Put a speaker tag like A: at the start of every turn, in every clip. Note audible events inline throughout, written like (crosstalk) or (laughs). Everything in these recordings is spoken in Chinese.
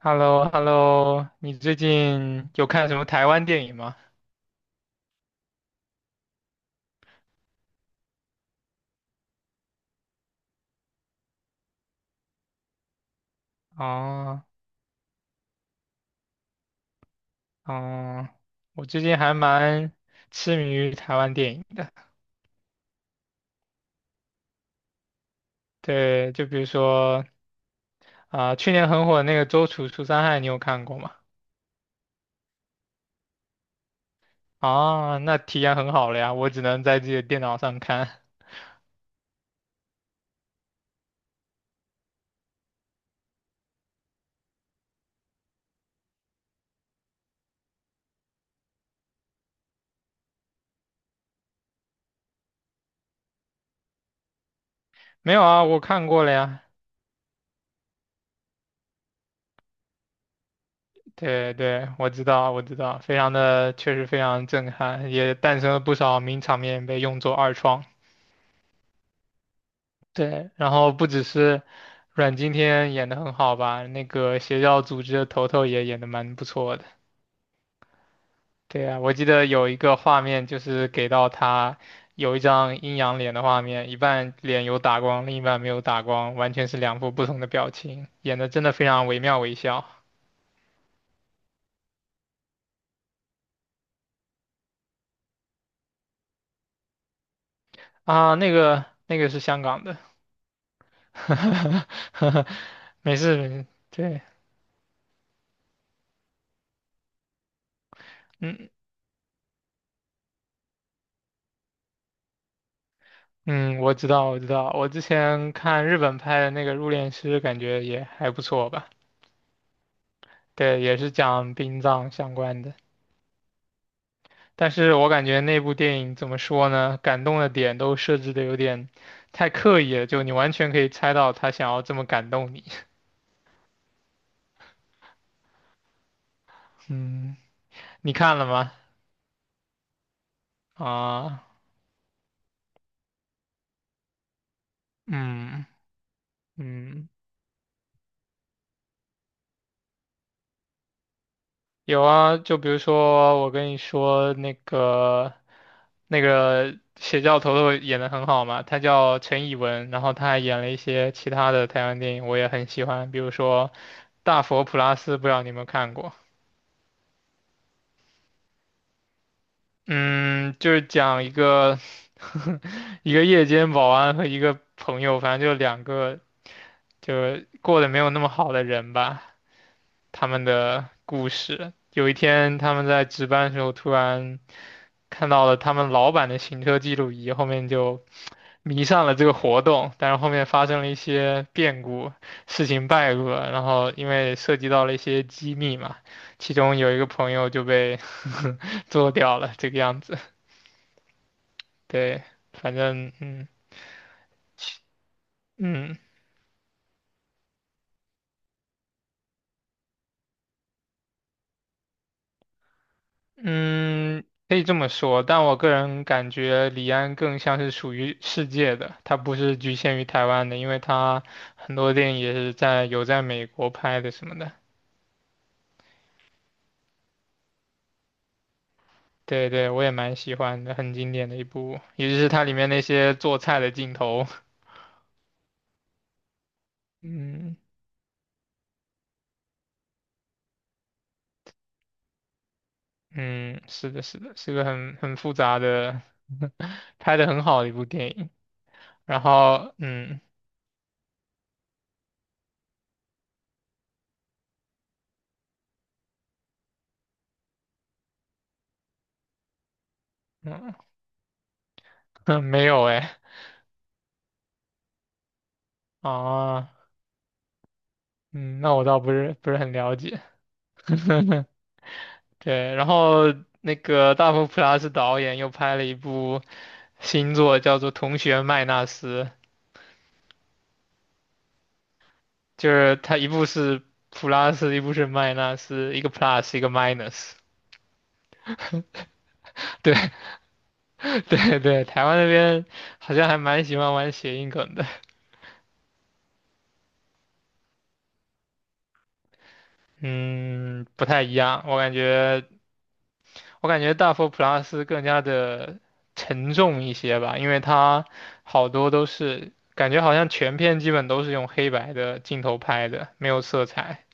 A: h e l l o h e l l o 你最近有看什么台湾电影吗？哦，哦，我最近还蛮痴迷于台湾电影的。对，就比如说啊、去年很火的那个《周处除三害》，你有看过吗？啊，那体验很好了呀，我只能在自己的电脑上看。没有啊，我看过了呀。对对，我知道，我知道，非常的，确实非常震撼，也诞生了不少名场面被用作二创。对，然后不只是阮经天演的很好吧，那个邪教组织的头头也演的蛮不错的。对啊，我记得有一个画面就是给到他有一张阴阳脸的画面，一半脸有打光，另一半没有打光，完全是两副不同的表情，演的真的非常惟妙惟肖啊。那个是香港的，(laughs) 没事，没事，对，嗯。嗯，我知道，我知道，我之前看日本拍的那个《入殓师》，感觉也还不错吧。对，也是讲殡葬相关的。但是我感觉那部电影怎么说呢？感动的点都设置的有点太刻意了，就你完全可以猜到他想要这么感动你。(laughs) 嗯，你看了吗？啊，嗯嗯，有啊。就比如说我跟你说那个邪教头头演的很好嘛，他叫陈以文，然后他还演了一些其他的台湾电影，我也很喜欢，比如说《大佛普拉斯》，不知道你有没有看过。嗯，就是讲一个夜间保安和一个朋友，反正就两个就是过得没有那么好的人吧，他们的故事。有一天，他们在值班的时候，突然看到了他们老板的行车记录仪，后面就迷上了这个活动。但是后面发生了一些变故，事情败露了，然后因为涉及到了一些机密嘛，其中有一个朋友就被 (laughs) 做掉了，这个样子。对，反正嗯。嗯嗯，可以这么说，但我个人感觉李安更像是属于世界的，他不是局限于台湾的，因为他很多电影也是在有在美国拍的什么的。对对，我也蛮喜欢的，很经典的一部，尤其是它里面那些做菜的镜头。嗯嗯，是的，是的，是个很复杂的，(laughs) 拍的很好的一部电影。然后嗯嗯，(laughs) 没有哎啊，嗯，那我倒不是很了解。(laughs) 对，然后那个大佛普拉斯导演又拍了一部新作，叫做《同学麦纳斯》，就是他一部是 plus,一部是 minus,一个 plus,一个 minus。对 (laughs) 对对，台湾那边好像还蛮喜欢玩谐音梗的。嗯，不太一样，我感觉大佛普拉斯更加的沉重一些吧，因为它好多都是感觉好像全片基本都是用黑白的镜头拍的，没有色彩。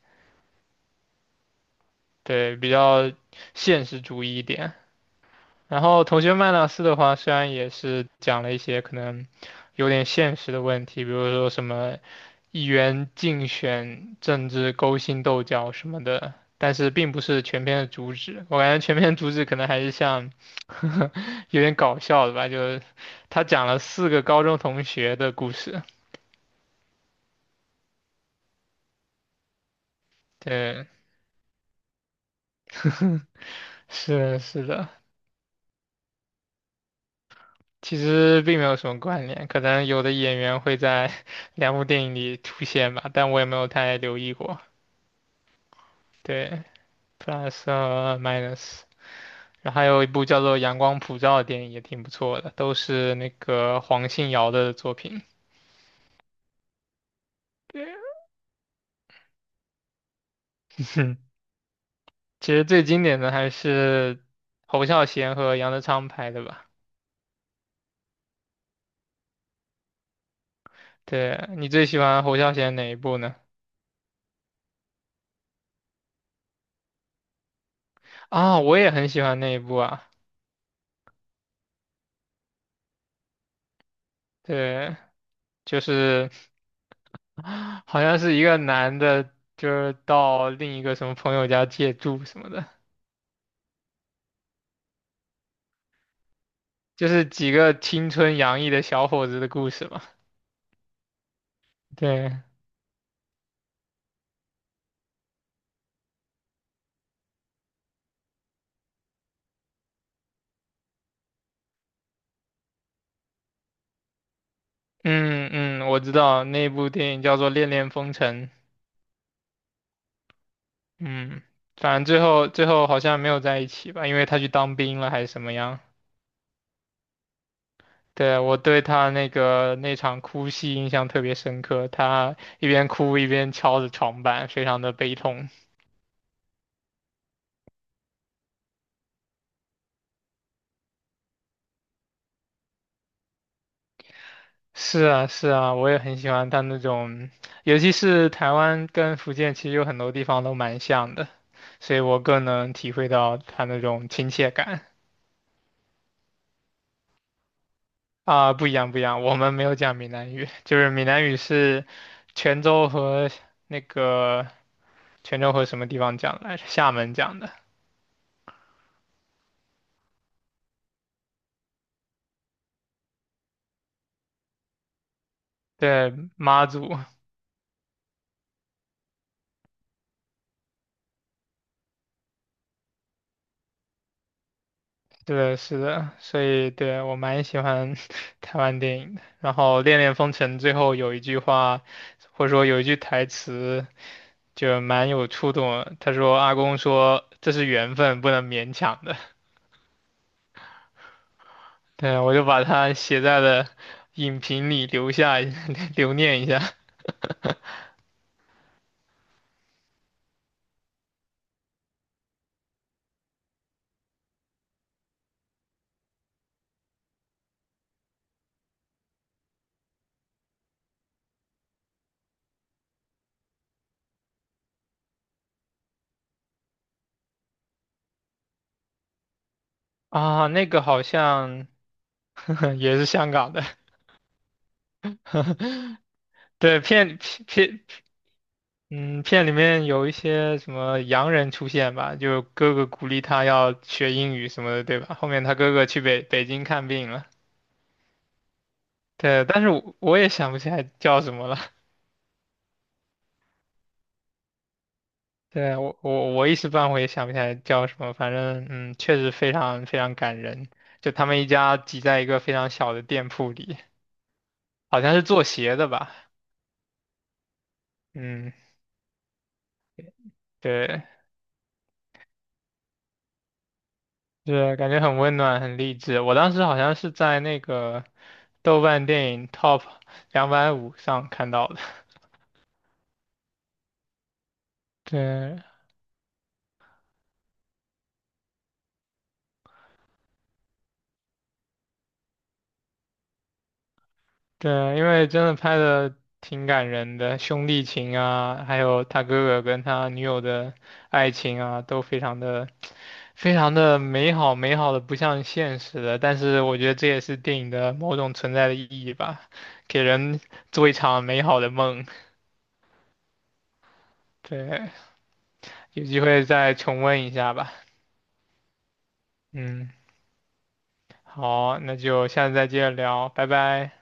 A: 对，比较现实主义一点。然后同学麦纳斯的话，虽然也是讲了一些可能有点现实的问题，比如说什么议员竞选、政治勾心斗角什么的，但是并不是全篇的主旨。我感觉全篇主旨可能还是像 (laughs) 有点搞笑的吧，就是他讲了四个高中同学的故事。对，是的是的。其实并没有什么关联，可能有的演员会在 (laughs) 两部电影里出现吧，但我也没有太留意过。对，Plus 和 Minus,然后还有一部叫做《阳光普照》的电影也挺不错的，都是那个黄信尧的作品。对，(laughs) 其实最经典的还是侯孝贤和杨德昌拍的吧。对，你最喜欢侯孝贤哪一部呢？啊，我也很喜欢那一部啊。对，就是。(laughs) 好像是一个男的，就是到另一个什么朋友家借住什么的，就是几个青春洋溢的小伙子的故事吧。对，嗯嗯，我知道那部电影叫做《恋恋风尘》，嗯，反正最后好像没有在一起吧，因为他去当兵了还是什么样。对，我对他那个那场哭戏印象特别深刻，他一边哭一边敲着床板，非常的悲痛。是啊，是啊，我也很喜欢他那种，尤其是台湾跟福建，其实有很多地方都蛮像的，所以我更能体会到他那种亲切感啊，不一样，不一样，我们没有讲闽南语，就是闽南语是泉州和那个泉州和什么地方讲来着？厦门讲的，对，妈祖，对的是的，所以对我蛮喜欢 (laughs) 台湾电影的。然后《恋恋风尘》最后有一句话，或者说有一句台词。就蛮有触动的他说阿公说这是缘分，不能勉强的。(laughs) 对啊，我就把它写在了影评里留下 (laughs) 留念一下啊。那个好像 (laughs) 也是香港的，对，片嗯片里面有一些什么洋人出现吧，就哥哥鼓励他要学英语什么的，对吧？后面他哥哥去北京看病了。对，但是我也想不起来叫什么了。对，我一时半会也想不起来叫什么，反正确实非常非常感人。就他们一家挤在一个非常小的店铺里，好像是做鞋的吧？嗯，对，是感觉很温暖，很励志。我当时好像是在那个豆瓣电影 Top 250上看到的。(laughs) 对，对，因为真的拍的挺感人的，兄弟情啊，还有他哥哥跟他女友的爱情啊，都非常的、非常的美好，美好的不像现实的。但是我觉得这也是电影的某种存在的意义吧，给人做一场美好的梦。对，有机会再重温一下吧。嗯，好，那就下次再接着聊，拜拜。